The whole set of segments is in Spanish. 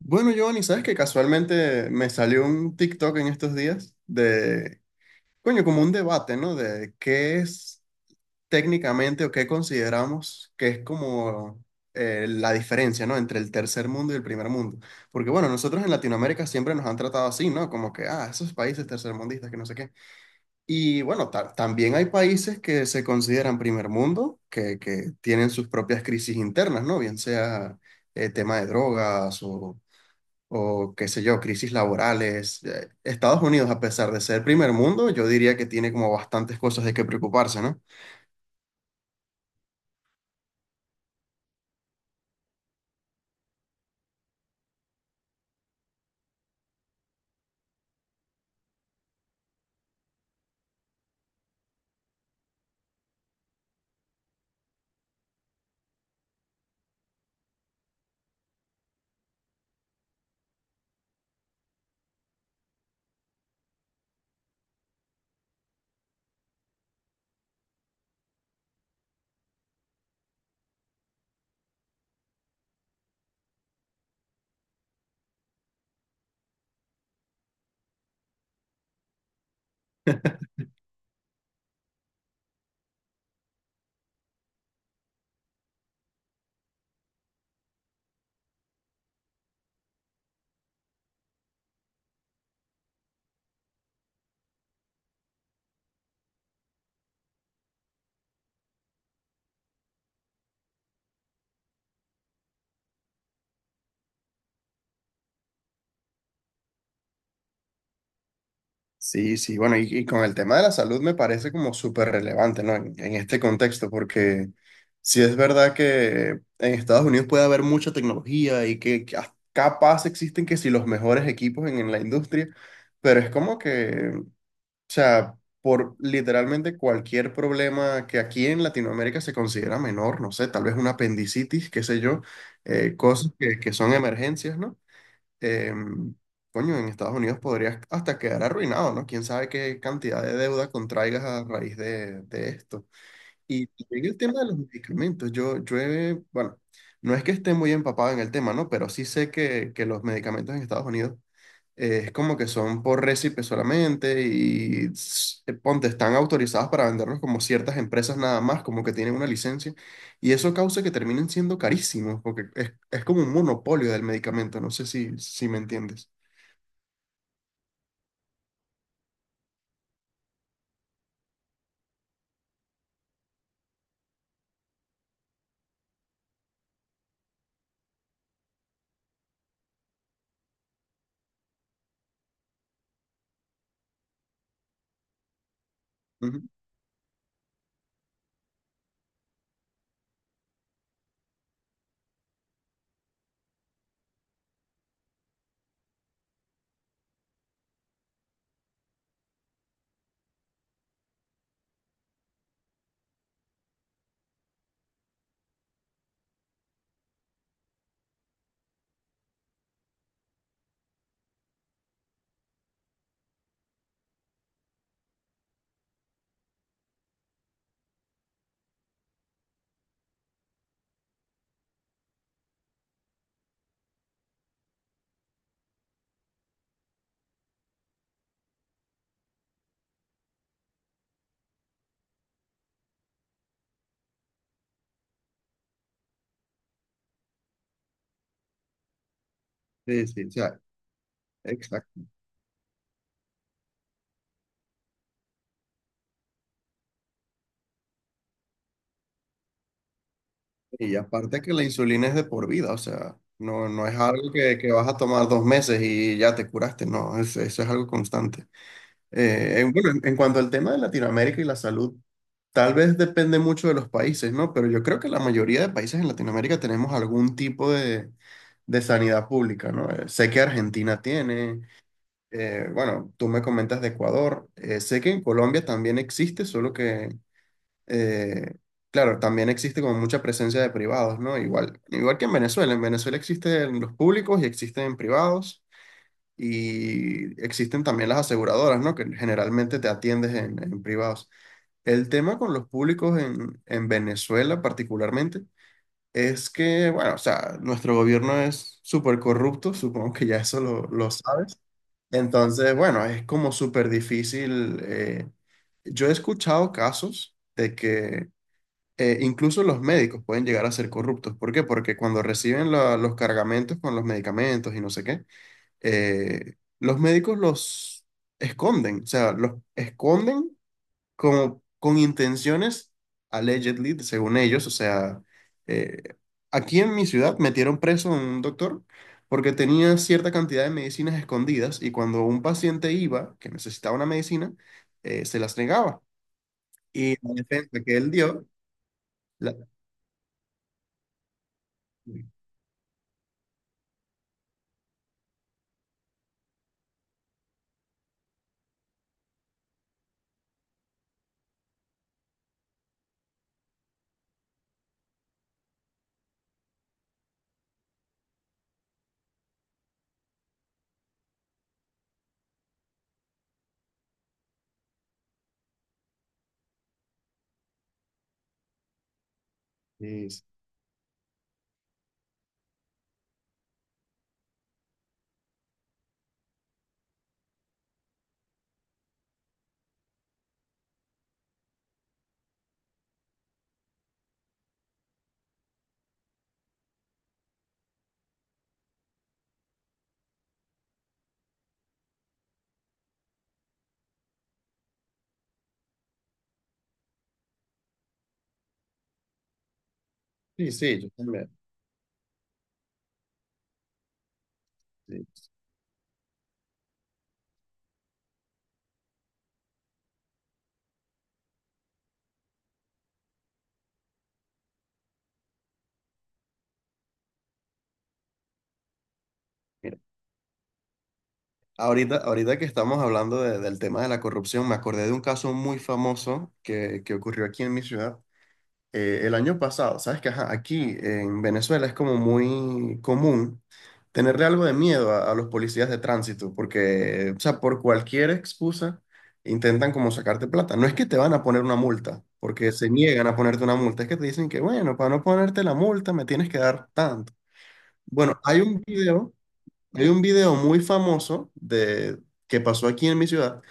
Bueno, Giovanni, ¿sabes que casualmente me salió un TikTok en estos días de, coño, como un debate? ¿No? De qué es técnicamente o qué consideramos que es como la diferencia, ¿no? Entre el tercer mundo y el primer mundo. Porque, bueno, nosotros en Latinoamérica siempre nos han tratado así, ¿no? Como que, ah, esos países tercermundistas, que no sé qué. Y bueno, también hay países que se consideran primer mundo, que tienen sus propias crisis internas, ¿no? Bien sea tema de drogas o qué sé yo, crisis laborales. Estados Unidos, a pesar de ser primer mundo, yo diría que tiene como bastantes cosas de qué preocuparse, ¿no? Sí, sí, bueno, y con el tema de la salud me parece como súper relevante, ¿no? En este contexto, porque sí es verdad que en Estados Unidos puede haber mucha tecnología y que hasta capaz existen que si los mejores equipos en la industria, pero es como que, o sea, por literalmente cualquier problema que aquí en Latinoamérica se considera menor, no sé, tal vez una apendicitis, qué sé yo, cosas que son emergencias, ¿no? Em, coño, en Estados Unidos podrías hasta quedar arruinado, ¿no? Quién sabe qué cantidad de deuda contraigas a raíz de esto. Y también el tema de los medicamentos, bueno, no es que esté muy empapado en el tema, ¿no? Pero sí sé que los medicamentos en Estados Unidos es como que son por récipe solamente y ponte, están autorizados para venderlos como ciertas empresas nada más, como que tienen una licencia. Y eso causa que terminen siendo carísimos, porque es como un monopolio del medicamento, no sé si me entiendes. Ujú. Sí, sí, o sea, exacto. Y aparte que la insulina es de por vida, o sea, no, no es algo que vas a tomar dos meses y ya te curaste, no, eso es algo constante. Bueno, en cuanto al tema de Latinoamérica y la salud, tal vez depende mucho de los países, ¿no? Pero yo creo que la mayoría de países en Latinoamérica tenemos algún tipo de sanidad pública, ¿no? Sé que Argentina tiene, bueno, tú me comentas de Ecuador, sé que en Colombia también existe, solo que, eh, claro, también existe como mucha presencia de privados, ¿no? Igual, igual que en Venezuela existen los públicos y existen privados y existen también las aseguradoras, ¿no? Que generalmente te atiendes en privados. El tema con los públicos en Venezuela particularmente es que, bueno, o sea, nuestro gobierno es súper corrupto, supongo que ya eso lo sabes. Entonces, bueno, es como súper difícil. Yo he escuchado casos de que incluso los médicos pueden llegar a ser corruptos. ¿Por qué? Porque cuando reciben los cargamentos con los medicamentos y no sé qué, los médicos los esconden, o sea, los esconden como con intenciones, allegedly, según ellos, eh, aquí en mi ciudad metieron preso a un doctor porque tenía cierta cantidad de medicinas escondidas y cuando un paciente iba, que necesitaba una medicina, se las negaba. Y la defensa que él dio, la- sí, sí, sí, yo también. Sí. Ahorita que estamos hablando del tema de la corrupción, me acordé de un caso muy famoso que ocurrió aquí en mi ciudad el año pasado. Sabes que ajá, aquí en Venezuela es como muy común tenerle algo de miedo a los policías de tránsito, porque, o sea, por cualquier excusa intentan como sacarte plata. No es que te van a poner una multa, porque se niegan a ponerte una multa, es que te dicen que, bueno, para no ponerte la multa me tienes que dar tanto. Bueno, hay un video. Hay un video muy famoso de, que pasó aquí en mi ciudad,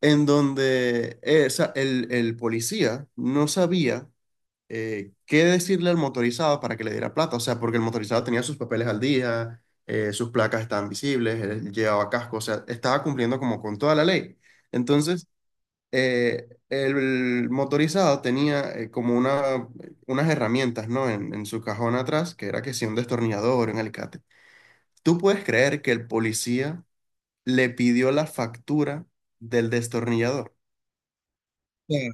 en donde o sea, el policía no sabía qué decirle al motorizado para que le diera plata. O sea, porque el motorizado tenía sus papeles al día, sus placas estaban visibles, él llevaba casco, o sea, estaba cumpliendo como con toda la ley. Entonces, el motorizado tenía como unas herramientas, ¿no? En su cajón atrás, que era que si un destornillador, un alicate. ¿Tú puedes creer que el policía le pidió la factura del destornillador?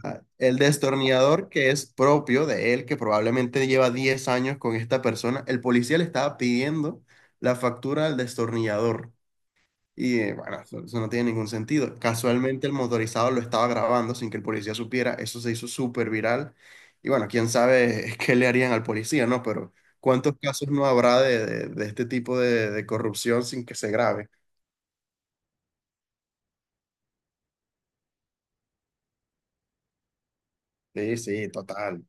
Ah, el destornillador que es propio de él, que probablemente lleva 10 años con esta persona, el policía le estaba pidiendo la factura del destornillador. Y bueno, eso no tiene ningún sentido. Casualmente el motorizado lo estaba grabando sin que el policía supiera, eso se hizo súper viral. Y bueno, quién sabe qué le harían al policía, ¿no? Pero ¿cuántos casos no habrá de, de este tipo de corrupción sin que se grabe? Sí, sí, total.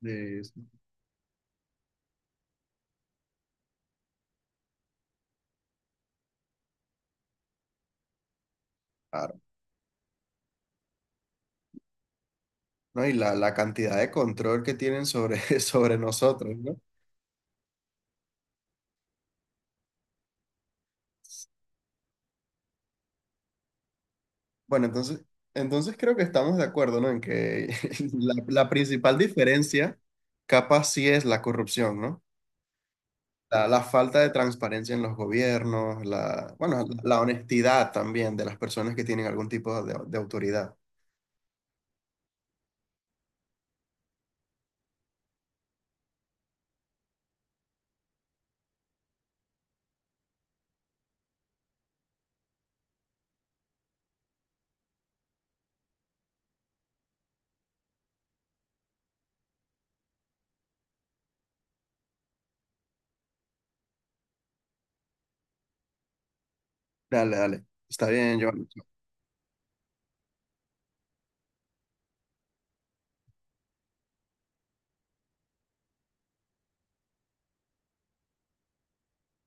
Sí, sí, ¿no? Y la cantidad de control que tienen sobre, sobre nosotros, ¿no? Bueno, entonces, entonces creo que estamos de acuerdo, ¿no? En que la principal diferencia capaz sí es la corrupción, ¿no? La falta de transparencia en los gobiernos, la, bueno, la honestidad también de las personas que tienen algún tipo de autoridad. Dale, dale. Está bien, yo.